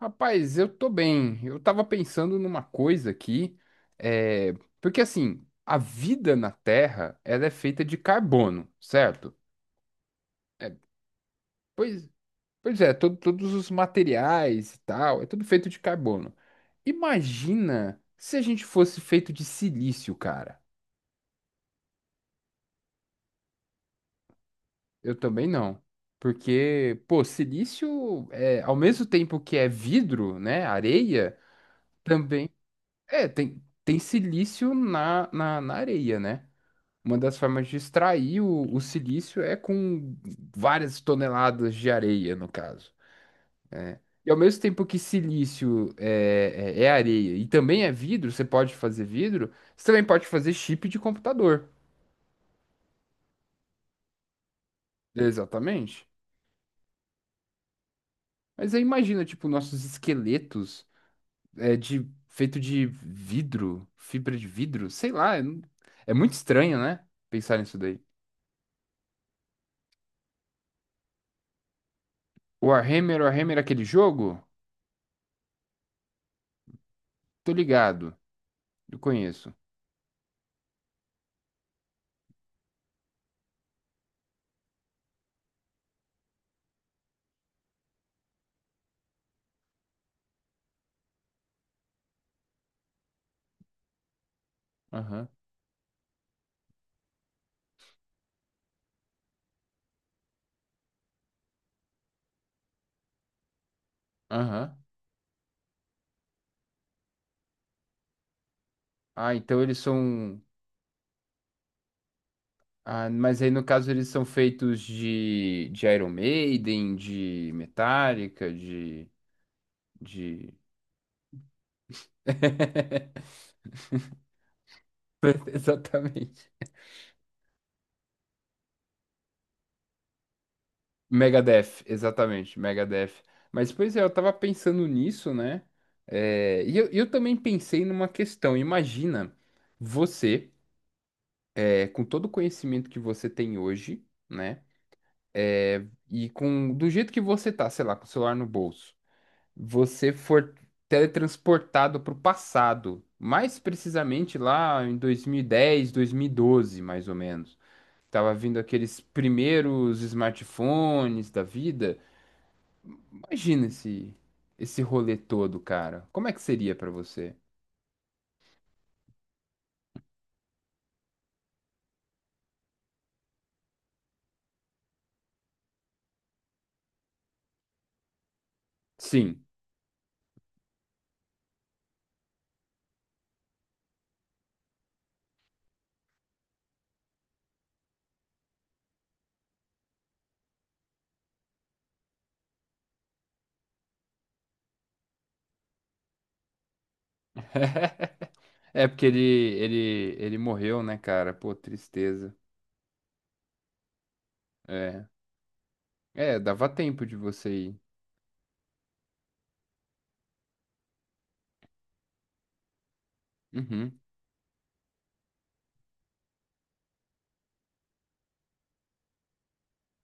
Rapaz, eu tô bem. Eu tava pensando numa coisa aqui, é, porque assim, a vida na Terra, ela é feita de carbono, certo? É, pois, Todos os materiais e tal, é tudo feito de carbono. Imagina se a gente fosse feito de silício, cara. Eu também não. Porque, pô, silício é, ao mesmo tempo que é vidro, né, areia, também tem, tem silício na areia, né? Uma das formas de extrair o silício é com várias toneladas de areia, no caso. E ao mesmo tempo que é areia e também é vidro, você pode fazer vidro, você também pode fazer chip de computador. Exatamente. Mas aí imagina, tipo, nossos esqueletos feito de vidro, fibra de vidro, sei lá. É muito estranho, né? Pensar nisso daí. Warhammer, Warhammer, é aquele jogo? Tô ligado. Eu conheço. Aham. Aham. Ah, então eles são. Ah, mas aí no caso eles são feitos de Iron Maiden, de Metallica, de... Exatamente. Megadeth, exatamente, Megadeth. Mas pois é, eu tava pensando nisso, né? Eu também pensei numa questão. Imagina você, é, com todo o conhecimento que você tem hoje, né? É, e com do jeito que você tá, sei lá, com o celular no bolso. Você for teletransportado para o passado, mais precisamente lá em 2010, 2012, mais ou menos. Tava vindo aqueles primeiros smartphones da vida. Imagina esse, Esse rolê todo, cara. Como é que seria para você? Sim. É porque ele morreu, né, cara? Pô, tristeza. É. É, dava tempo de você ir. Uhum.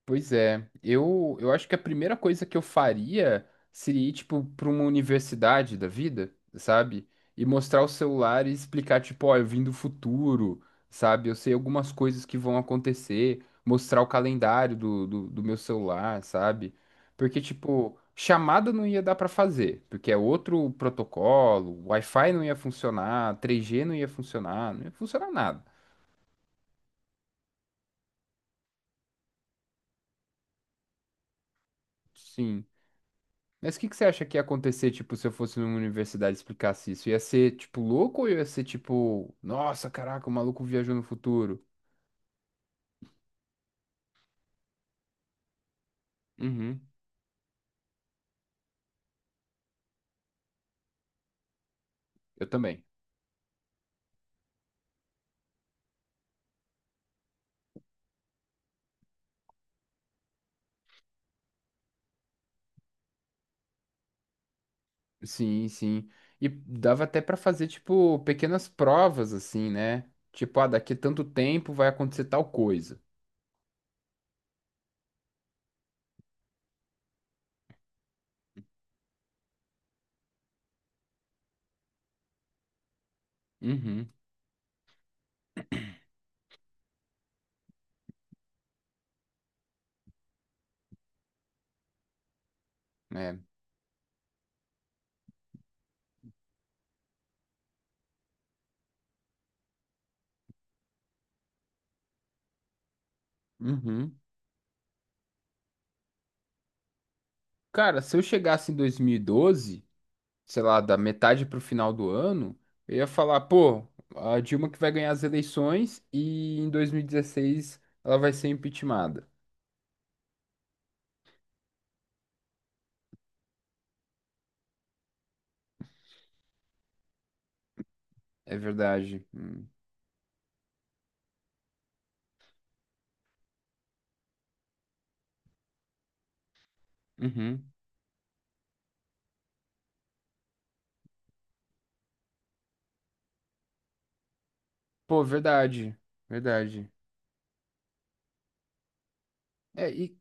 Pois é, eu acho que a primeira coisa que eu faria seria ir, tipo, para uma universidade da vida, sabe? E mostrar o celular e explicar, tipo, ó, eu vim do futuro, sabe? Eu sei algumas coisas que vão acontecer, mostrar o calendário do meu celular, sabe? Porque, tipo, chamada não ia dar para fazer, porque é outro protocolo, Wi-Fi não ia funcionar, 3G não ia funcionar, não ia funcionar nada. Sim. Mas o que que você acha que ia acontecer, tipo, se eu fosse numa universidade e explicasse isso? Ia ser, tipo, louco ou ia ser, tipo, nossa, caraca, o maluco viajou no futuro? Uhum. Eu também. Sim, sim. E dava até pra fazer, tipo, pequenas provas, assim, né? Tipo, ah, daqui a tanto tempo vai acontecer tal coisa. Uhum. Né? Uhum. Cara, se eu chegasse em 2012, sei lá, da metade pro final do ano, eu ia falar, pô, a Dilma que vai ganhar as eleições e em 2016 ela vai ser impeachmentada. É verdade. Hum. Uhum. Pô, verdade. Verdade. É,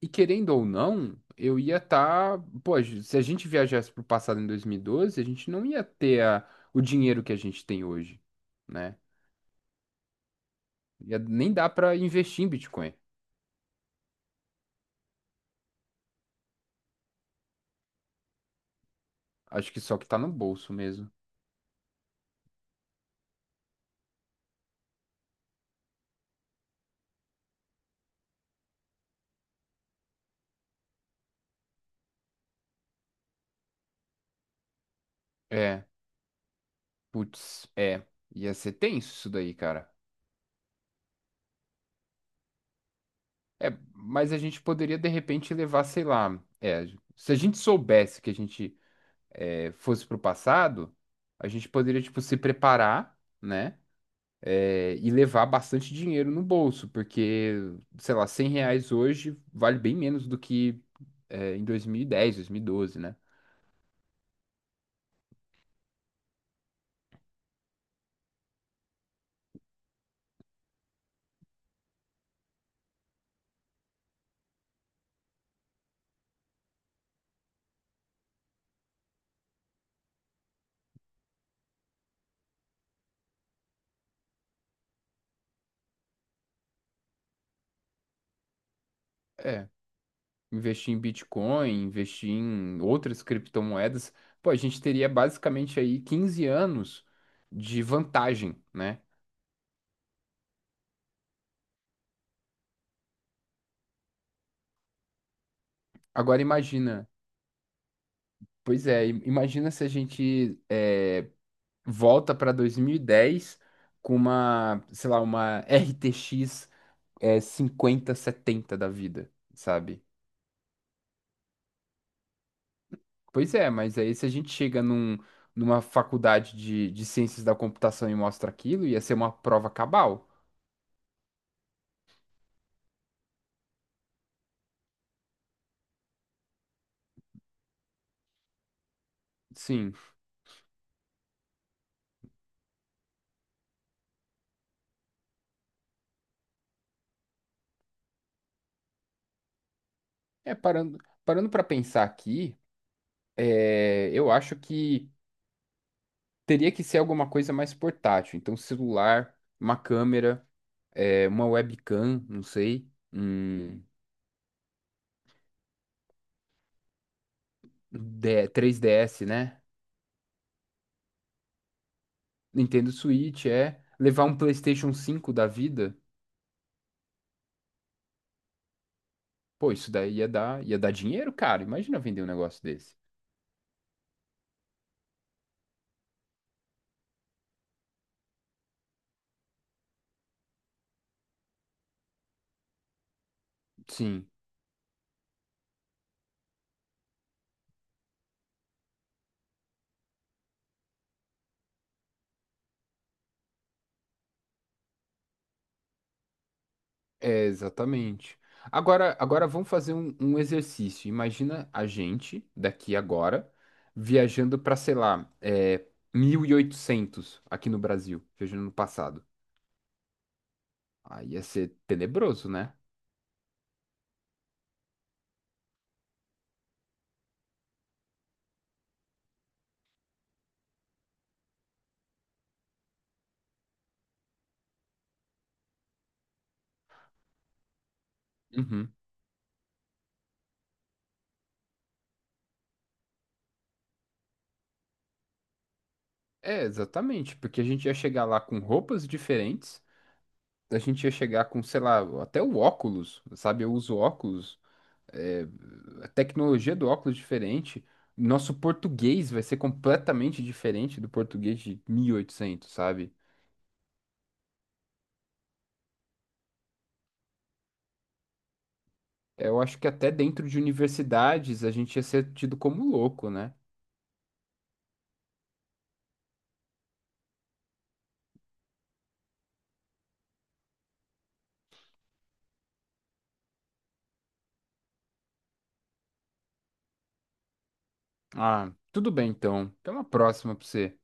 e querendo ou não, eu ia estar. Pô, se a gente viajasse pro passado em 2012, a gente não ia ter a- o dinheiro que a gente tem hoje, né? Ia- nem dá pra investir em Bitcoin. Acho que só que tá no bolso mesmo. É. Putz, ia ser tenso isso daí, cara. É, mas a gente poderia de repente levar, sei lá, se a gente soubesse que fosse pro passado, a gente poderia, tipo, se preparar, né? É, e levar bastante dinheiro no bolso, porque, sei lá, 100 reais hoje vale bem menos do que em 2010, 2012, né? É. Investir em Bitcoin, investir em outras criptomoedas, pô, a gente teria basicamente aí 15 anos de vantagem, né? Agora imagina, pois é, im- Imagina se volta para 2010 com uma, sei lá, uma RTX 5070 da vida, sabe? Pois é, mas aí se a gente chega num, numa faculdade de ciências da computação e mostra aquilo, ia ser uma prova cabal. Sim. É, parando, Parando para pensar aqui, eu acho que teria que ser alguma coisa mais portátil. Então, celular, uma câmera, uma webcam, não sei, um 3DS, né? Nintendo Switch, é. Levar um PlayStation 5 da vida? Pô, isso daí ia dar dinheiro, cara. Imagina vender um negócio desse. Sim. É, exatamente. Agora, agora vamos fazer um exercício. Imagina a gente, daqui agora, viajando para, sei lá, 1800 aqui no Brasil, viajando no passado. Aí ia ser tenebroso, né? Uhum. É, exatamente, porque a gente ia chegar lá com roupas diferentes, a gente ia chegar com, sei lá, até o óculos, sabe? Eu uso óculos é, a tecnologia do óculos é diferente. Nosso português vai ser completamente diferente do português de 1800, sabe? Eu acho que até dentro de universidades a gente ia ser tido como louco, né? Ah, tudo bem então. Até uma próxima pra você.